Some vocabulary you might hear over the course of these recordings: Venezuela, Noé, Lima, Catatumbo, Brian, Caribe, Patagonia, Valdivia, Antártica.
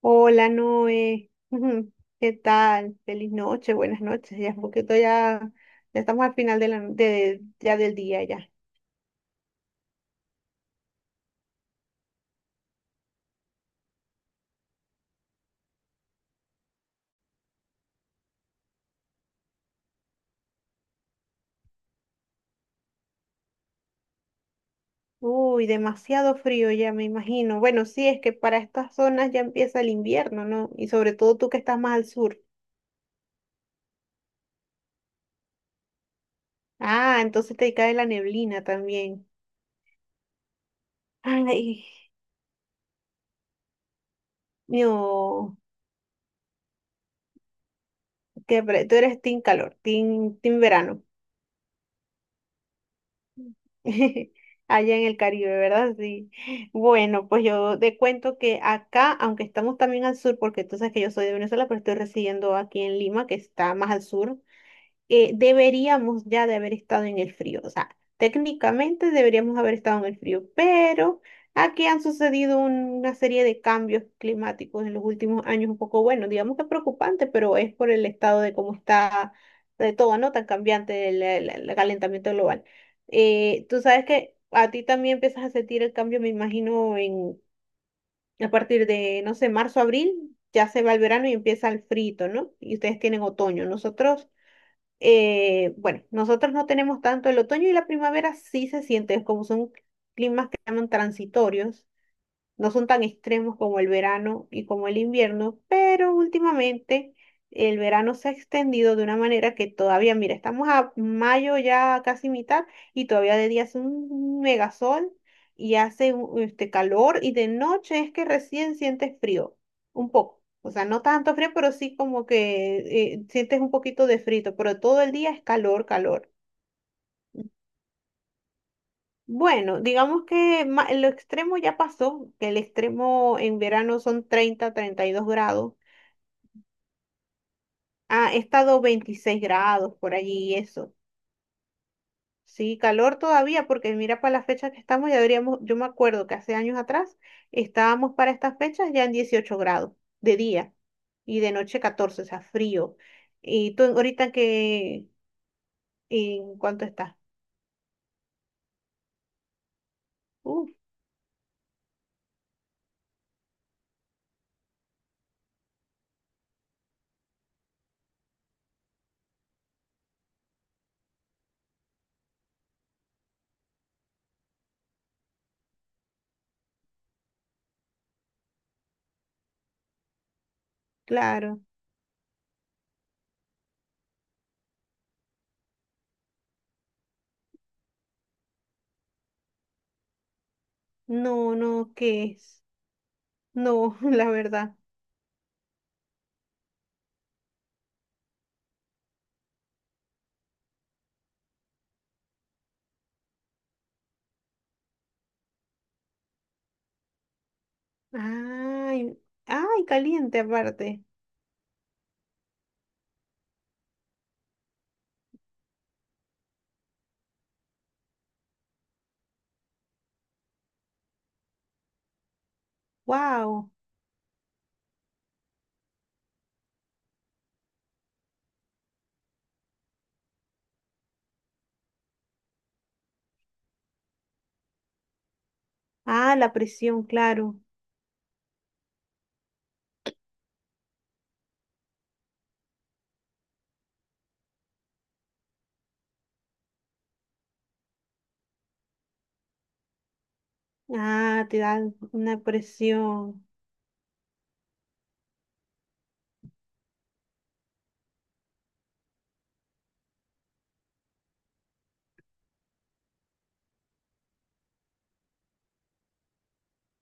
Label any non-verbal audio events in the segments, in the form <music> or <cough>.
Hola Noé, <laughs> ¿qué tal? Feliz noche, buenas noches. Ya es un poquito ya, estamos al final de ya del día ya. Uy, demasiado frío ya me imagino. Bueno, sí, es que para estas zonas ya empieza el invierno, ¿no? Y sobre todo tú que estás más al sur. Ah, entonces te cae la neblina también. Ay, no, tú eres team calor, team verano. <laughs> Allá en el Caribe, ¿verdad? Sí. Bueno, pues yo te cuento que acá, aunque estamos también al sur, porque tú sabes que yo soy de Venezuela, pero estoy residiendo aquí en Lima, que está más al sur, deberíamos ya de haber estado en el frío. O sea, técnicamente deberíamos haber estado en el frío, pero aquí han sucedido una serie de cambios climáticos en los últimos años, un poco, bueno, digamos que preocupante, pero es por el estado de cómo está de todo, ¿no? Tan cambiante el calentamiento global. Tú sabes que a ti también empiezas a sentir el cambio, me imagino, en, a partir de, no sé, marzo, abril. Ya se va el verano y empieza el frito, ¿no? Y ustedes tienen otoño. Nosotros, bueno, nosotros no tenemos tanto el otoño y la primavera sí se siente, como son climas que llaman transitorios, no son tan extremos como el verano y como el invierno, pero últimamente el verano se ha extendido de una manera que todavía, mira, estamos a mayo ya casi mitad y todavía de día hace un megasol y este calor y de noche es que recién sientes frío, un poco. O sea, no tanto frío, pero sí como que sientes un poquito de frito, pero todo el día es calor, calor. Bueno, digamos que lo extremo ya pasó, que el extremo en verano son 32 grados. Ha estado 26 grados por allí y eso. Sí, calor todavía, porque mira para la fecha que estamos, ya deberíamos, yo me acuerdo que hace años atrás estábamos para estas fechas ya en 18 grados de día y de noche 14, o sea, frío. Y tú ahorita que, ¿en cuánto estás? Uf, claro, no, no, ¿qué es? No, <laughs> la verdad. Ay, ay, caliente aparte. Wow. Ah, la presión, claro. Ah, te dan una presión.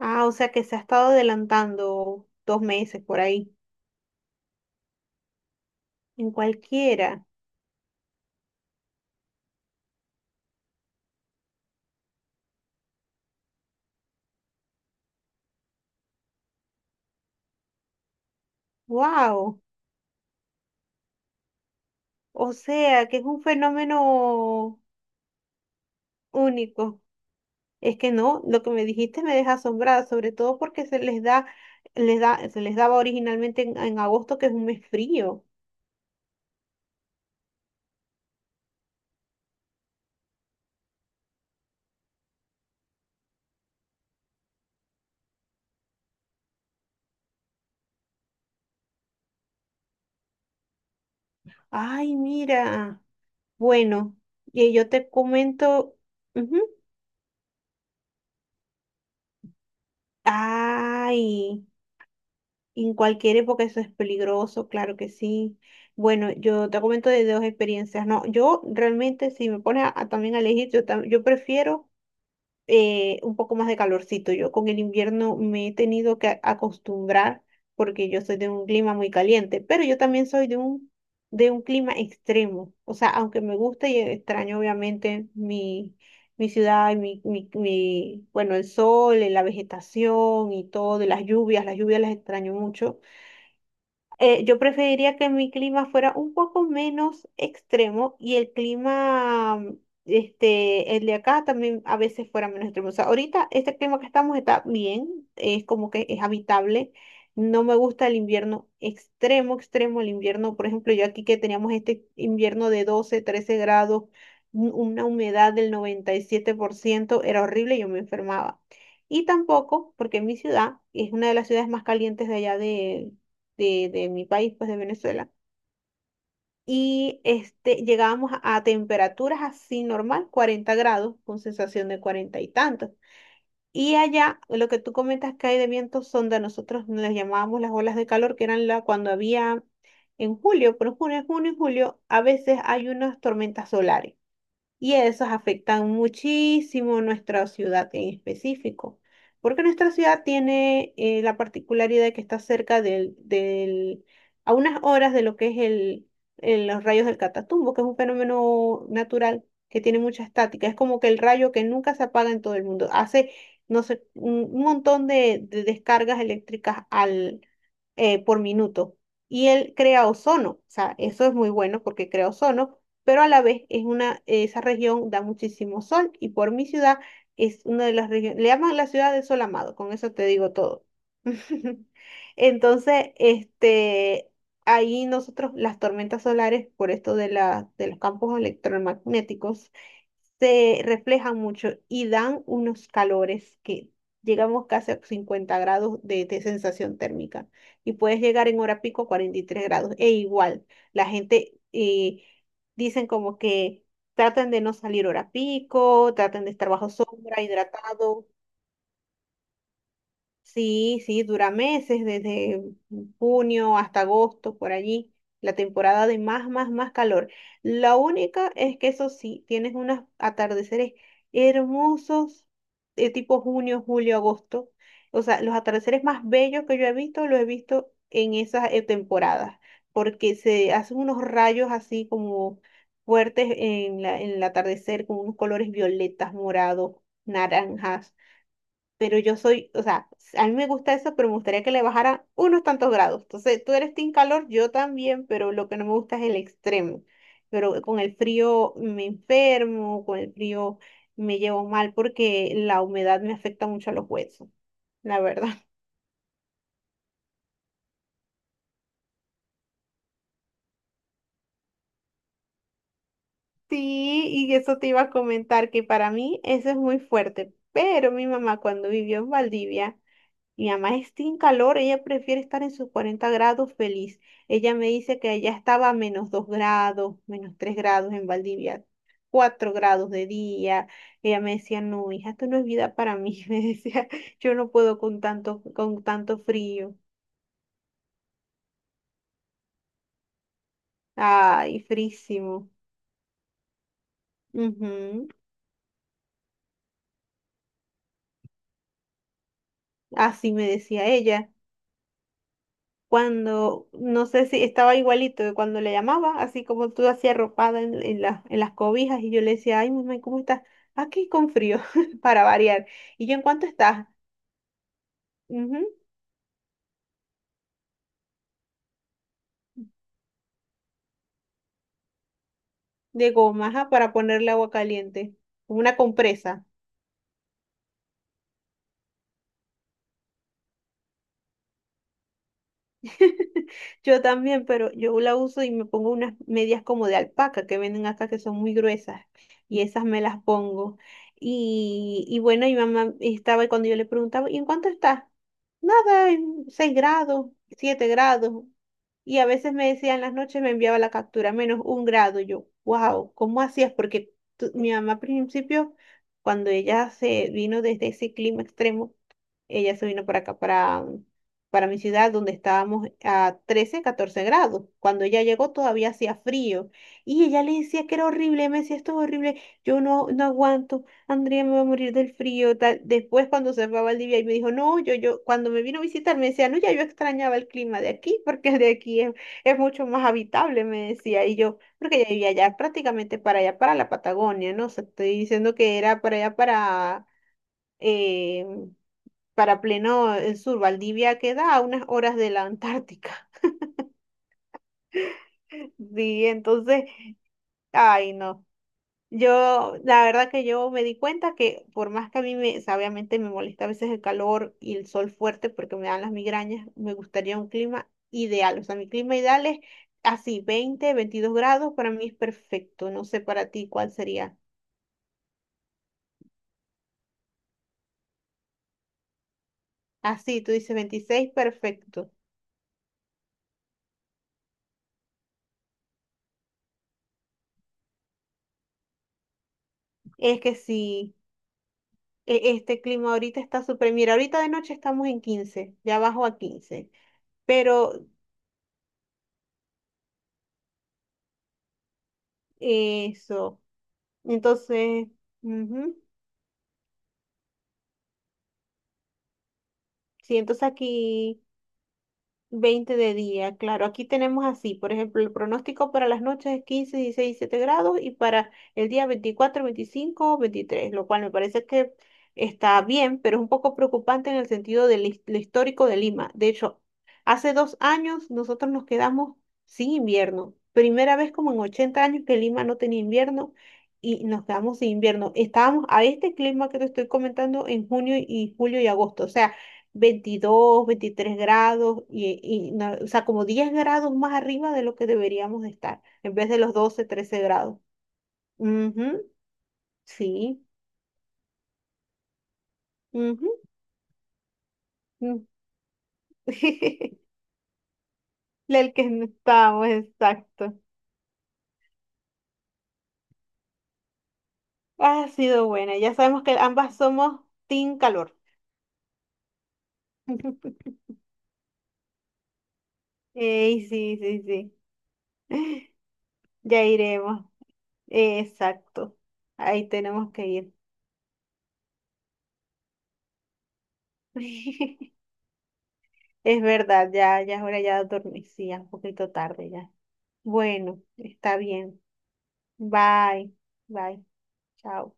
Ah, o sea que se ha estado adelantando dos meses por ahí. En cualquiera. Wow. O sea que es un fenómeno único. Es que no, lo que me dijiste me deja asombrada, sobre todo porque se les da, se les daba originalmente en agosto, que es un mes frío. Ay, mira. Bueno, y yo te comento, ujú. Ay, en cualquier época eso es peligroso, claro que sí. Bueno, yo te comento de dos experiencias. No, yo realmente si me pones a también a elegir, yo, yo prefiero, un poco más de calorcito. Yo con el invierno me he tenido que acostumbrar porque yo soy de un clima muy caliente, pero yo también soy de un clima extremo. O sea, aunque me gusta y extraño obviamente mi, mi ciudad, y bueno, el sol, la vegetación y todo, y las lluvias las extraño mucho. Yo preferiría que mi clima fuera un poco menos extremo y el clima, este, el de acá también a veces fuera menos extremo. O sea, ahorita este clima que estamos está bien, es como que es habitable. No me gusta el invierno extremo, extremo, el invierno, por ejemplo, yo aquí que teníamos este invierno de 12, 13 grados, una humedad del 97% era horrible, yo me enfermaba. Y tampoco, porque mi ciudad es una de las ciudades más calientes de allá, de mi país, pues de Venezuela. Y este, llegábamos a temperaturas así normal, 40 grados, con sensación de cuarenta y tantos. Y allá, lo que tú comentas que hay de vientos sonda nosotros, las llamábamos las olas de calor, que eran la, cuando había en julio, pero en junio, julio, a veces hay unas tormentas solares y esos afectan muchísimo nuestra ciudad en específico, porque nuestra ciudad tiene, la particularidad de que está cerca a unas horas de lo que es los rayos del Catatumbo, que es un fenómeno natural que tiene mucha estática, es como que el rayo que nunca se apaga en todo el mundo, hace, no sé, un montón de descargas eléctricas al, por minuto. Y él crea ozono, o sea, eso es muy bueno porque crea ozono, pero a la vez esa región da muchísimo sol y por mi ciudad es una de las regiones, le llaman la ciudad del sol amado, con eso te digo todo. <laughs> Entonces, este, ahí nosotros las tormentas solares, por esto de de los campos electromagnéticos, se reflejan mucho y dan unos calores que llegamos casi a 50 grados de sensación térmica y puedes llegar en hora pico a 43 grados. E igual, la gente... dicen como que traten de no salir hora pico, traten de estar bajo sombra, hidratado. Sí, sí, dura meses, desde junio hasta agosto, por allí, la temporada de más, más, más calor. La única es que eso sí, tienes unos atardeceres hermosos, de tipo junio, julio, agosto. O sea, los atardeceres más bellos que yo he visto, los he visto en esas, temporadas, porque se hacen unos rayos así como fuertes en en el atardecer, con unos colores violetas, morados, naranjas, pero yo soy, o sea, a mí me gusta eso, pero me gustaría que le bajara unos tantos grados. Entonces, tú eres team calor, yo también, pero lo que no me gusta es el extremo. Pero con el frío me enfermo, con el frío me llevo mal porque la humedad me afecta mucho a los huesos, la verdad. <laughs> Sí, y eso te iba a comentar, que para mí eso es muy fuerte, pero mi mamá cuando vivió en Valdivia, mi mamá está en calor, ella prefiere estar en sus 40 grados feliz. Ella me dice que allá estaba a -2 grados, -3 grados en Valdivia, 4 grados de día. Ella me decía, no, hija, esto no es vida para mí. <laughs> Me decía, yo no puedo con tanto frío. Ay, frísimo. Ujú, así me decía ella. Cuando, no sé si estaba igualito de cuando le llamaba, así como tú hacías arropada en, en las cobijas y yo le decía, ay, mamá, ¿y cómo estás? Aquí con frío, <laughs> para variar. Y yo, ¿en cuánto estás? Ujú, de goma, ajá, para ponerle agua caliente, como una compresa. <laughs> Yo también, pero yo la uso y me pongo unas medias como de alpaca que venden acá que son muy gruesas y esas me las pongo. Y bueno, mi mamá estaba y cuando yo le preguntaba, ¿y en cuánto está? Nada, en 6 grados, 7 grados. Y a veces me decía en las noches, me enviaba la captura, -1 grado. Yo, wow, ¿cómo hacías? Porque mi mamá al principio, cuando ella se vino desde ese clima extremo, ella se vino para acá, para mi ciudad, donde estábamos a 13, 14 grados. Cuando ella llegó todavía hacía frío. Y ella le decía que era horrible, me decía, esto es horrible, yo no, no aguanto, Andrea me va a morir del frío. Tal. Después cuando se fue a Valdivia y me dijo, no, yo, cuando me vino a visitar me decía, no, ya yo extrañaba el clima de aquí, porque el de aquí es mucho más habitable, me decía. Y yo, porque ella vivía allá prácticamente para allá, para la Patagonia, ¿no? O sea, estoy diciendo que era para allá, para... em, para pleno, sur. Valdivia queda a unas horas de la Antártica. <laughs> Sí, entonces, ay, no. Yo, la verdad que yo me di cuenta que por más que a mí me, o sea, obviamente me molesta a veces el calor y el sol fuerte porque me dan las migrañas, me gustaría un clima ideal. O sea, mi clima ideal es así, 20, 22 grados, para mí es perfecto. No sé para ti cuál sería. Así, tú dices 26, perfecto. Es que sí, este clima ahorita está súper, mira, ahorita de noche estamos en 15, ya bajo a 15, pero eso, entonces, ujú. Sí, entonces aquí 20 de día, claro. Aquí tenemos así, por ejemplo, el pronóstico para las noches es 15, 16, 17 grados y para el día 24, 25, 23, lo cual me parece que está bien, pero es un poco preocupante en el sentido del, lo histórico de Lima. De hecho, hace dos años nosotros nos quedamos sin invierno. Primera vez como en 80 años que Lima no tenía invierno y nos quedamos sin invierno. Estábamos a este clima que te estoy comentando en junio y julio y agosto. O sea, 22, 23 grados, no, o sea, como 10 grados más arriba de lo que deberíamos de estar, en vez de los 12, 13 grados. Ujú, sí, ujú, mm. <laughs> El que no estamos, exacto. Ha sido buena, ya sabemos que ambas somos team calor. <laughs> Ey, sí, sí, sí, ya iremos. Exacto, ahí tenemos que ir. <laughs> Es verdad, ya, ya es hora ya de dormir, sí, ya es un poquito tarde ya. Bueno, está bien. Bye, bye, chao.